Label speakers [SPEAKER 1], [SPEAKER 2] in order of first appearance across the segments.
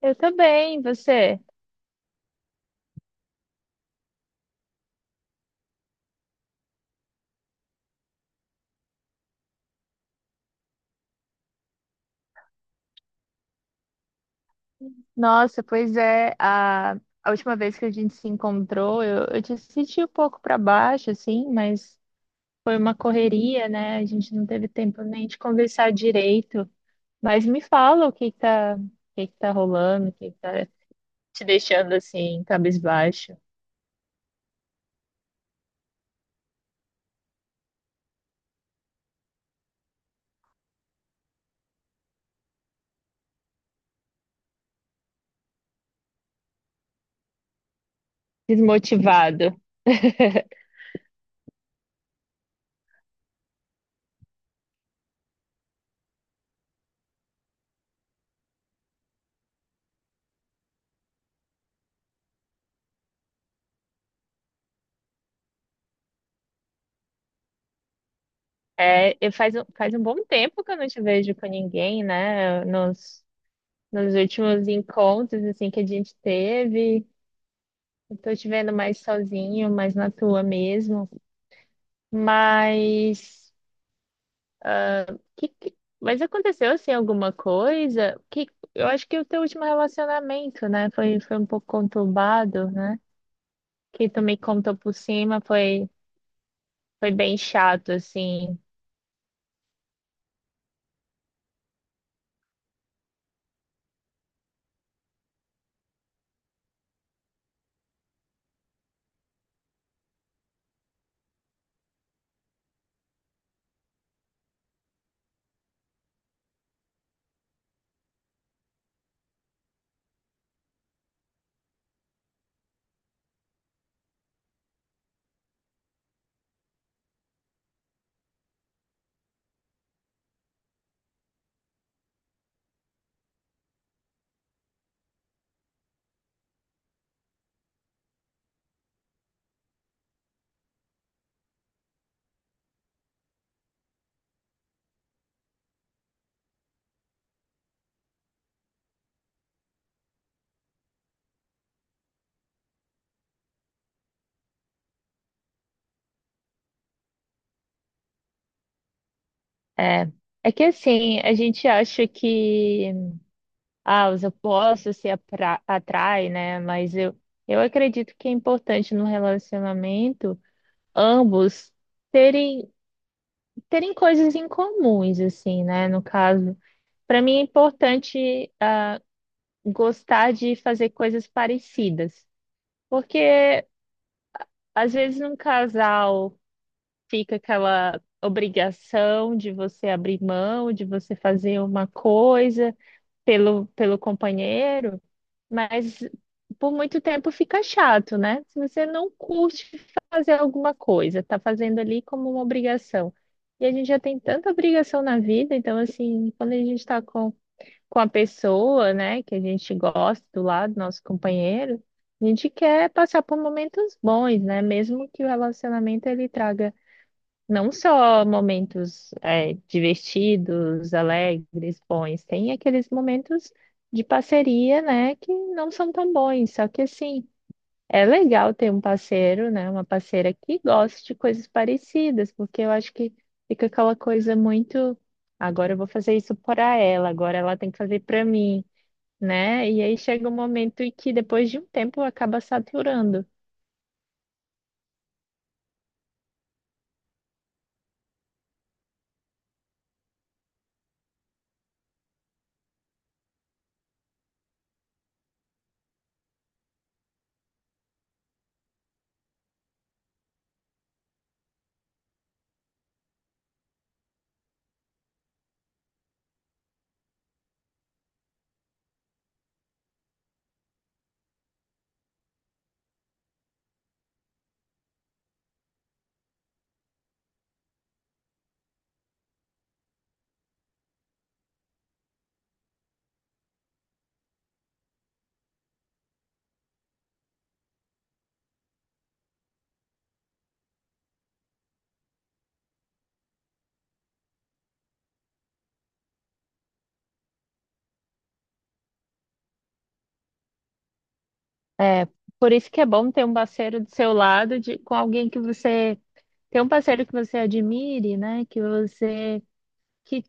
[SPEAKER 1] Eu também, você? Nossa, pois é, a última vez que a gente se encontrou, eu te senti um pouco para baixo, assim, mas foi uma correria, né? A gente não teve tempo nem de conversar direito. Mas me fala o que que tá, o que que tá rolando, o que que tá te deixando assim, cabisbaixo, desmotivado. É, e faz um bom tempo que eu não te vejo com ninguém, né? Nos últimos encontros, assim, que a gente teve. Eu tô te vendo mais sozinho, mais na tua mesmo. Mas mas aconteceu assim alguma coisa? Que eu acho que o teu último relacionamento, né, foi um pouco conturbado, né? Que tu me contou por cima, foi bem chato assim. É. É que assim, a gente acha que ah, os opostos se apra- atraem, né? Mas eu acredito que é importante no relacionamento ambos terem terem coisas em comuns, assim, né? No caso, para mim é importante ah, gostar de fazer coisas parecidas, porque às vezes num casal fica aquela obrigação de você abrir mão, de você fazer uma coisa, pelo companheiro, mas por muito tempo fica chato, né? Se você não curte fazer alguma coisa, tá fazendo ali como uma obrigação. E a gente já tem tanta obrigação na vida, então, assim, quando a gente tá com a pessoa, né, que a gente gosta do lado, nosso companheiro, a gente quer passar por momentos bons, né? Mesmo que o relacionamento ele traga não só momentos é, divertidos, alegres, bons, tem aqueles momentos de parceria, né, que não são tão bons. Só que assim, é legal ter um parceiro, né, uma parceira que goste de coisas parecidas, porque eu acho que fica aquela coisa muito, agora eu vou fazer isso para ela, agora ela tem que fazer para mim, né? E aí chega um momento em que depois de um tempo acaba saturando. É, por isso que é bom ter um parceiro do seu lado, de, com alguém que você ter um parceiro que você admire, né? Que você que,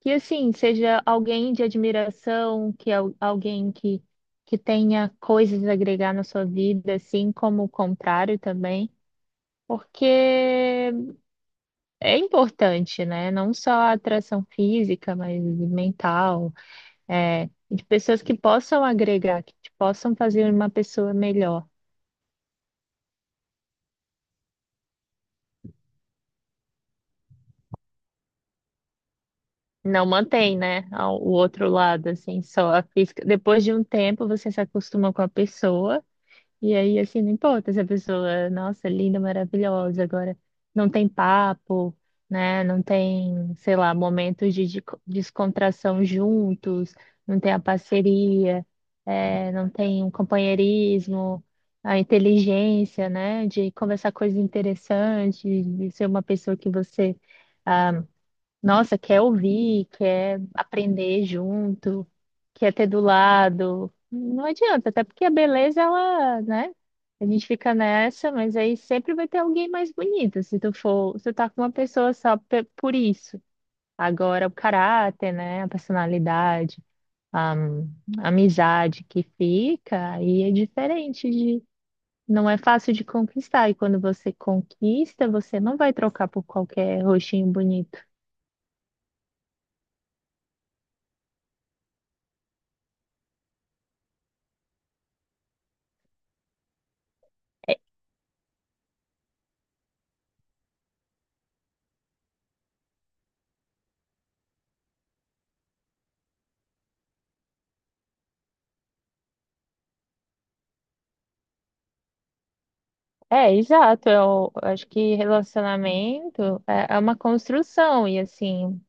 [SPEAKER 1] que assim seja alguém de admiração, que alguém que tenha coisas a agregar na sua vida, assim como o contrário também, porque é importante, né? Não só a atração física, mas mental, é, de pessoas que possam agregar, que te possam fazer uma pessoa melhor. Não mantém, né? O outro lado, assim, só a física. Depois de um tempo, você se acostuma com a pessoa, e aí, assim, não importa se a pessoa, nossa, linda, maravilhosa, agora não tem papo, né? Não tem, sei lá, momentos de descontração juntos, não tem a parceria, é, não tem um companheirismo, a inteligência, né? De conversar coisas interessantes, de ser uma pessoa que você. Ah, nossa, quer ouvir, quer aprender junto, quer ter do lado. Não adianta, até porque a beleza, ela, né? A gente fica nessa, mas aí sempre vai ter alguém mais bonito, se tu for, se tu tá com uma pessoa só por isso. Agora, o caráter, né? A personalidade, a amizade que fica, aí é diferente de. Não é fácil de conquistar, e quando você conquista, você não vai trocar por qualquer rostinho bonito. É, exato. Eu acho que relacionamento é uma construção e assim,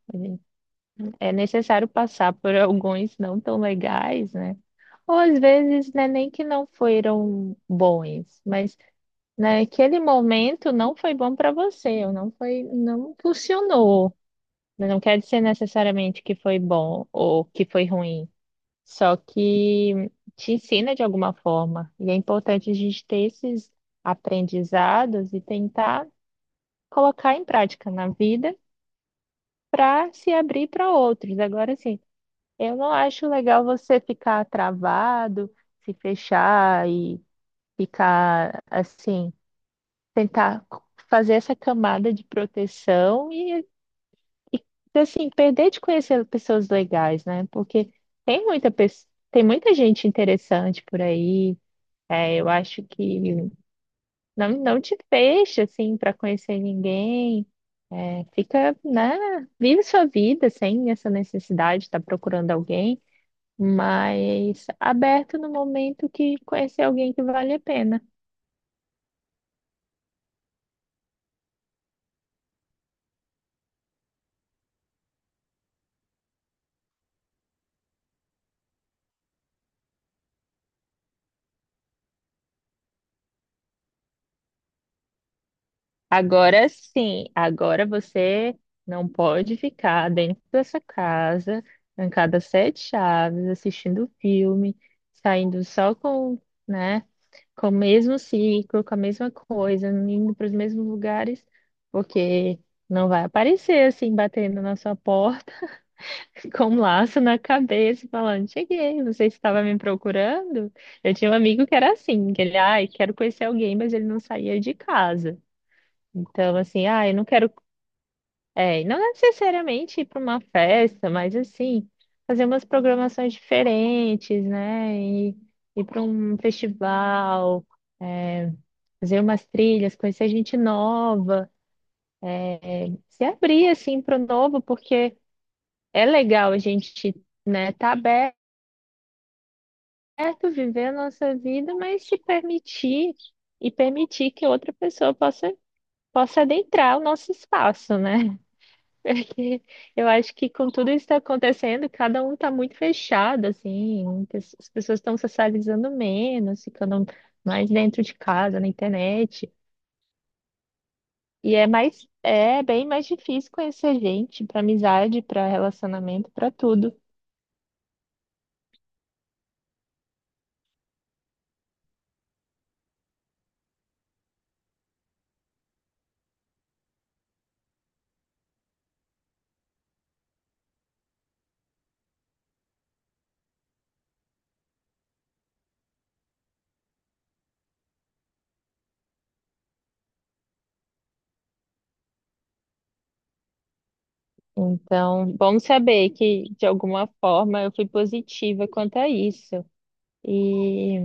[SPEAKER 1] é necessário passar por alguns não tão legais, né? Ou às vezes, né, nem que não foram bons, mas naquele momento não foi bom para você, ou não foi, não funcionou. Mas não quer dizer necessariamente que foi bom ou que foi ruim, só que te ensina de alguma forma. E é importante a gente ter esses aprendizados e tentar colocar em prática na vida para se abrir para outros. Agora, assim, eu não acho legal você ficar travado, se fechar e ficar assim, tentar fazer essa camada de proteção e assim, perder de conhecer pessoas legais, né? Porque tem muita, pe- tem muita gente interessante por aí. É, eu acho que não, não te fecha, assim, para conhecer ninguém. É, fica, né? Vive sua vida sem essa necessidade de estar procurando alguém, mas aberto no momento que conhecer alguém que vale a pena. Agora sim, agora você não pode ficar dentro dessa casa, trancada às sete chaves, assistindo filme, saindo só com, né? Com o mesmo ciclo, com a mesma coisa, indo para os mesmos lugares, porque não vai aparecer assim, batendo na sua porta, com um laço na cabeça, e falando: Cheguei, você estava me procurando? Eu tinha um amigo que era assim, que ele, ai, quero conhecer alguém, mas ele não saía de casa. Então, assim, ah, eu não quero. É, não necessariamente ir para uma festa, mas assim, fazer umas programações diferentes, né? E ir para um festival. É, fazer umas trilhas, conhecer gente nova, se abrir assim para o novo, porque é legal a gente, né, tá aberto, viver a nossa vida, mas se permitir e permitir que outra pessoa possa adentrar o nosso espaço, né? Porque eu acho que com tudo isso que está acontecendo, cada um está muito fechado, assim, as pessoas estão socializando menos, ficando mais dentro de casa, na internet. E é mais, é bem mais difícil conhecer gente para amizade, para relacionamento, para tudo. Então, bom saber que de alguma forma eu fui positiva quanto a isso. E,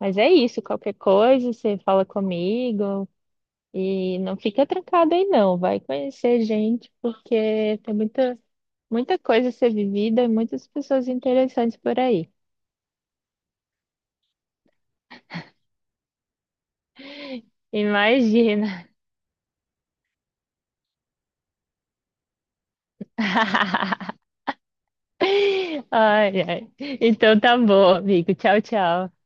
[SPEAKER 1] mas é isso, qualquer coisa você fala comigo e não fica trancado aí não, vai conhecer gente porque tem muita coisa a ser vivida e muitas pessoas interessantes por aí. Imagina. Ai, ai. Então tá bom, amigo. Tchau, tchau.